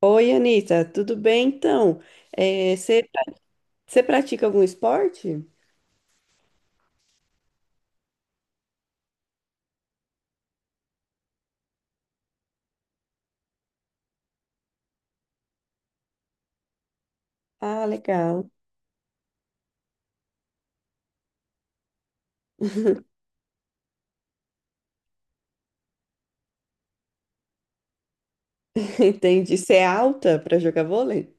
Oi, Anitta, tudo bem então? É, você pratica algum esporte? Ah, legal. Entendi. Você é alta para jogar vôlei?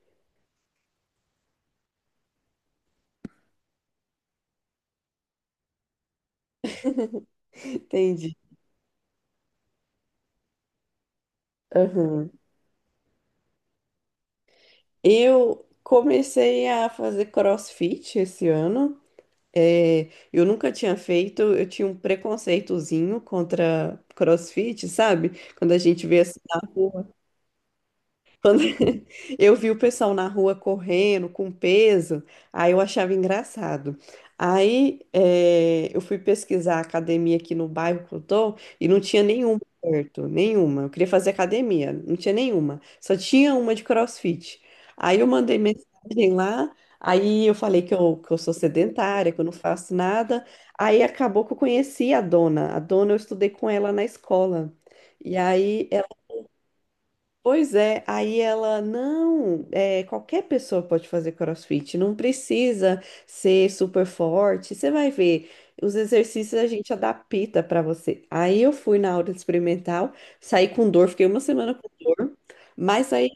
Entendi. Aham. Eu comecei a fazer CrossFit esse ano. É, eu nunca tinha feito, eu tinha um preconceitozinho contra CrossFit, sabe? Quando a gente vê assim, Quando eu vi o pessoal na rua correndo com peso, aí eu achava engraçado. Aí eu fui pesquisar a academia aqui no bairro que eu tô e não tinha nenhuma perto, nenhuma. Eu queria fazer academia, não tinha nenhuma. Só tinha uma de CrossFit. Aí eu mandei mensagem lá, aí eu falei que eu sou sedentária, que eu não faço nada. Aí acabou que eu conheci a dona. A dona eu estudei com ela na escola. E aí pois é, aí ela, não, é, qualquer pessoa pode fazer CrossFit, não precisa ser super forte, você vai ver, os exercícios a gente adapta para você. Aí eu fui na aula experimental, saí com dor, fiquei uma semana com dor, mas aí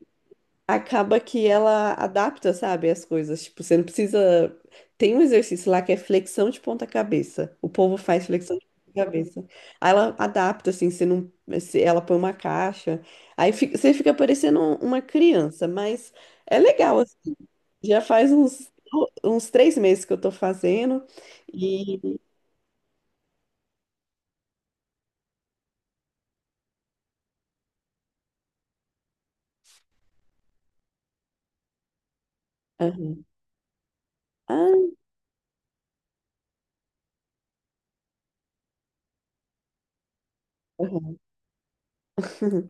acaba que ela adapta, sabe, as coisas. Tipo, você não precisa. Tem um exercício lá que é flexão de ponta cabeça. O povo faz flexão de ponta cabeça. Aí ela adapta, assim, você não. Ela põe uma caixa. Aí você fica parecendo uma criança, mas é legal. Assim. Já faz uns, uns três meses que eu tô fazendo. E. Aham. Ah, aham.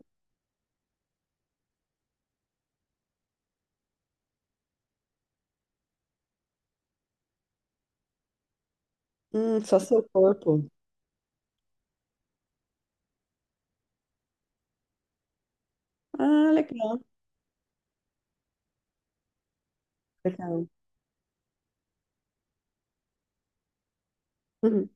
Só seu corpo. Ah, legal. Legal. Uhum.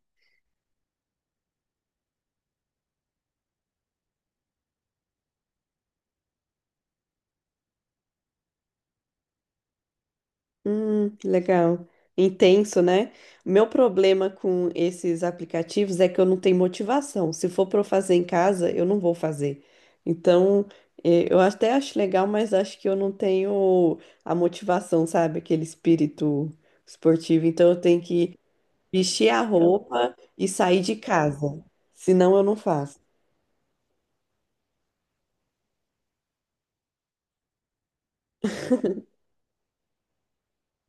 Legal. Intenso, né? Meu problema com esses aplicativos é que eu não tenho motivação. Se for para eu fazer em casa, eu não vou fazer. Então, eu até acho legal, mas acho que eu não tenho a motivação, sabe? Aquele espírito esportivo. Então, eu tenho que vestir a roupa e sair de casa. Senão, eu não faço.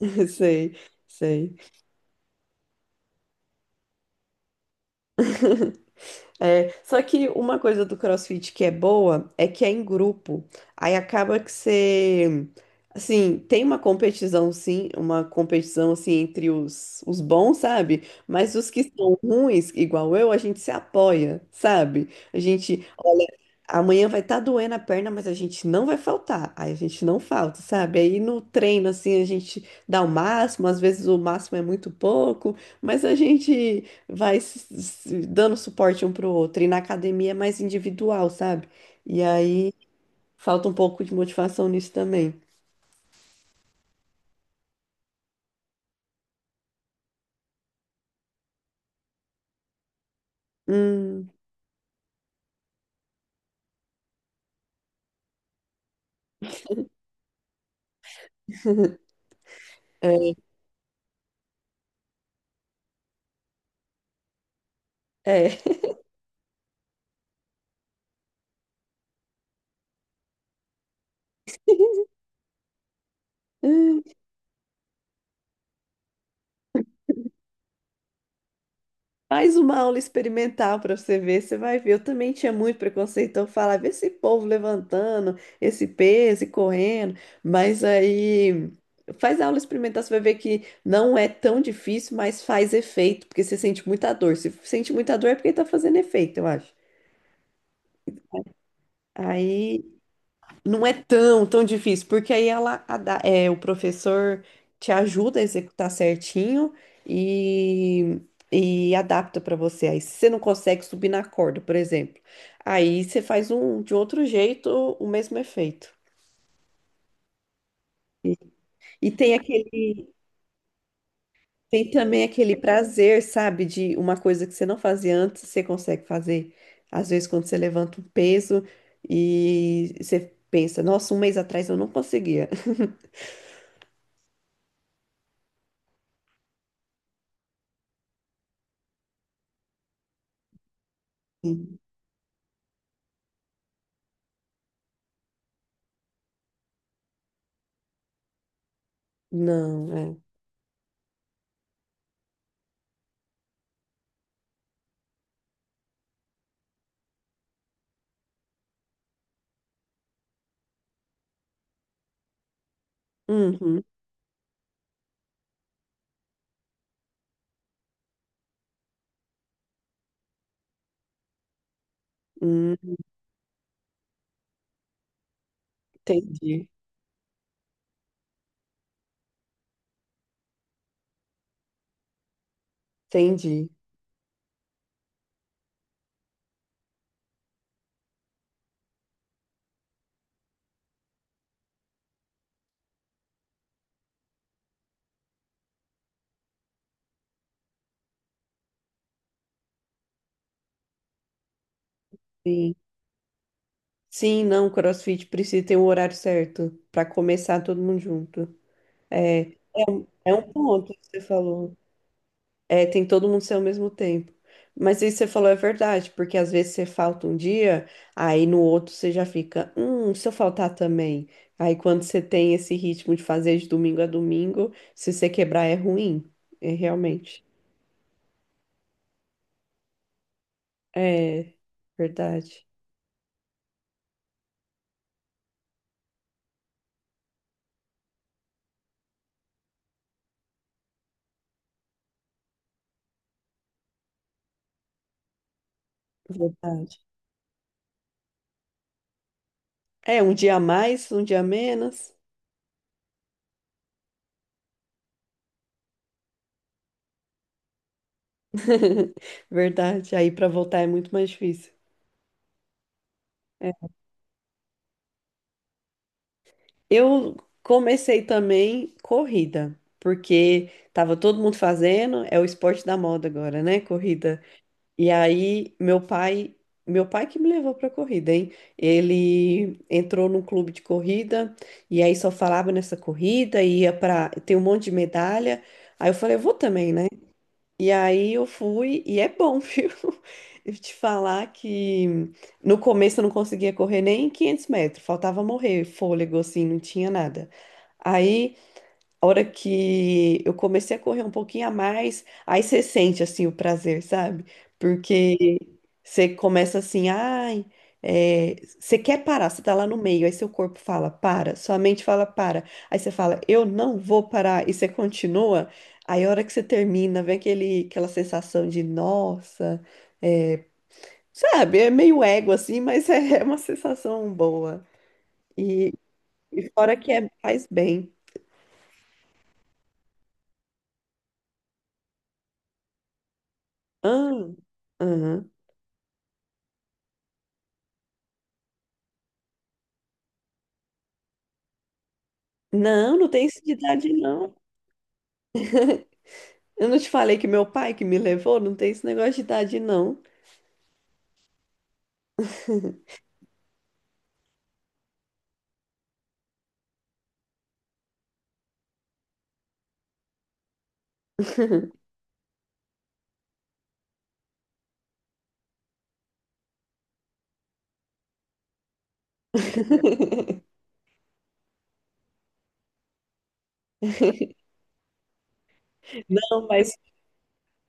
Sei, sei. É, só que uma coisa do CrossFit que é boa é que é em grupo. Aí acaba que você, assim, tem uma competição sim, uma competição assim entre os bons, sabe? Mas os que são ruins, igual eu, a gente se apoia, sabe? A gente, olha, amanhã vai estar doendo a perna, mas a gente não vai faltar. Aí a gente não falta, sabe? Aí no treino assim a gente dá o máximo, às vezes o máximo é muito pouco, mas a gente vai se dando suporte um pro outro. E na academia é mais individual, sabe? E aí falta um pouco de motivação nisso também. Hum, é. Hum, faz uma aula experimental para você ver, você vai ver. Eu também tinha muito preconceito, então eu falava, "Vê esse povo levantando, esse peso e correndo, mas aí faz a aula experimental, você vai ver que não é tão difícil, mas faz efeito, porque você sente muita dor. Se sente muita dor é porque tá fazendo efeito, eu acho. Aí não é tão difícil, porque aí ela, a é, o professor te ajuda a executar certinho e, e adapta para você. Aí, se você não consegue subir na corda, por exemplo, aí você faz um de outro jeito o mesmo efeito. E, tem aquele, tem também aquele prazer, sabe, de uma coisa que você não fazia antes, você consegue fazer. Às vezes, quando você levanta um peso e você pensa, nossa, um mês atrás eu não conseguia. Não, é. Uhum. Hum, entendi, entendi. Sim. Sim, não, CrossFit precisa ter um horário certo para começar todo mundo junto. É, é um ponto que você falou. É, tem todo mundo ser ao mesmo tempo. Mas isso que você falou é verdade, porque às vezes você falta um dia, aí no outro você já fica, se eu faltar também. Aí quando você tem esse ritmo de fazer de domingo a domingo, se você quebrar é ruim, é realmente. É verdade, verdade. É um dia a mais, um dia a menos. Verdade. Aí para voltar é muito mais difícil. É. Eu comecei também corrida, porque tava todo mundo fazendo, é o esporte da moda agora, né? Corrida. E aí meu pai que me levou pra corrida, hein? Ele entrou num clube de corrida e aí só falava nessa corrida, ia pra. Tem um monte de medalha. Aí eu falei, eu vou também, né? E aí eu fui, e é bom, viu? Eu te falar que no começo eu não conseguia correr nem 500 metros, faltava morrer fôlego, assim, não tinha nada. Aí a hora que eu comecei a correr um pouquinho a mais, aí você sente assim o prazer, sabe? Porque você começa assim, ai, é, você quer parar, você tá lá no meio, aí seu corpo fala, para, sua mente fala, para. Aí você fala, eu não vou parar, e você continua. Aí a hora que você termina, vem aquele, aquela sensação de, nossa, é, sabe? É meio ego assim, mas é, é uma sensação boa. E, e fora que é, faz bem. Ah, aham. Não, não tem isso de idade, não. Eu não te falei que meu pai que me levou, não tem esse negócio de idade, não. Não, mas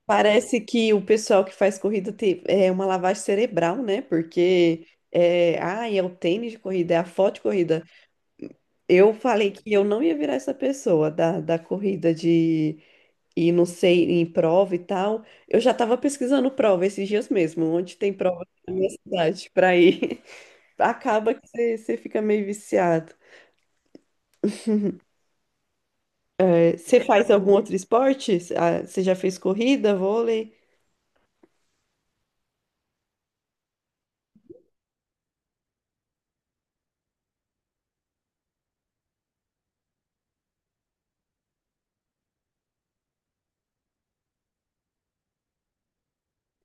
parece que o pessoal que faz corrida tem, é uma lavagem cerebral, né? Porque é, ah, é o tênis de corrida, é a foto de corrida. Eu falei que eu não ia virar essa pessoa da corrida de e não sei, em prova e tal. Eu já estava pesquisando prova esses dias mesmo, onde tem prova na minha cidade para ir. Acaba que você fica meio viciado. É, você faz algum outro esporte? Ah, você já fez corrida, vôlei?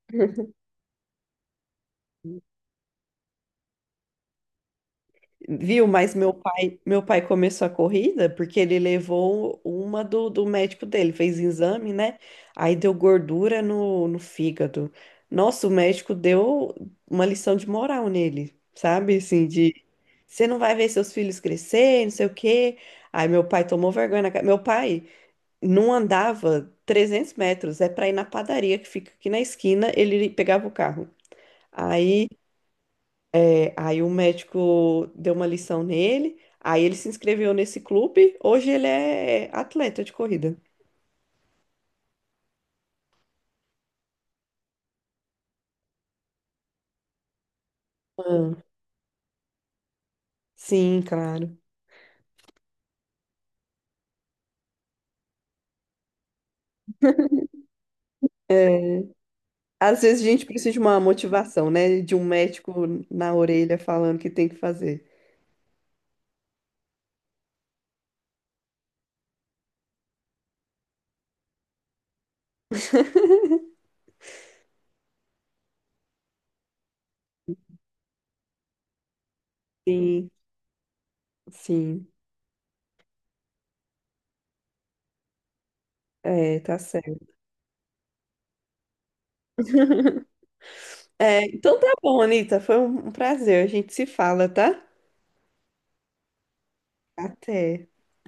Viu? Mas meu pai começou a corrida porque ele levou uma do médico dele, fez exame, né? Aí deu gordura no fígado. Nossa, o médico deu uma lição de moral nele, sabe? Assim, de você não vai ver seus filhos crescer, não sei o quê. Aí meu pai tomou vergonha na cara. Meu pai não andava 300 metros, é para ir na padaria que fica aqui na esquina, ele pegava o carro. Aí, aí o médico deu uma lição nele, aí ele se inscreveu nesse clube, hoje ele é atleta de corrida. Ah, sim, claro. É, às vezes a gente precisa de uma motivação, né? De um médico na orelha falando que tem que fazer. Sim, sim. É, tá certo. É, então tá bom, Anitta. Foi um prazer. A gente se fala, tá? Até.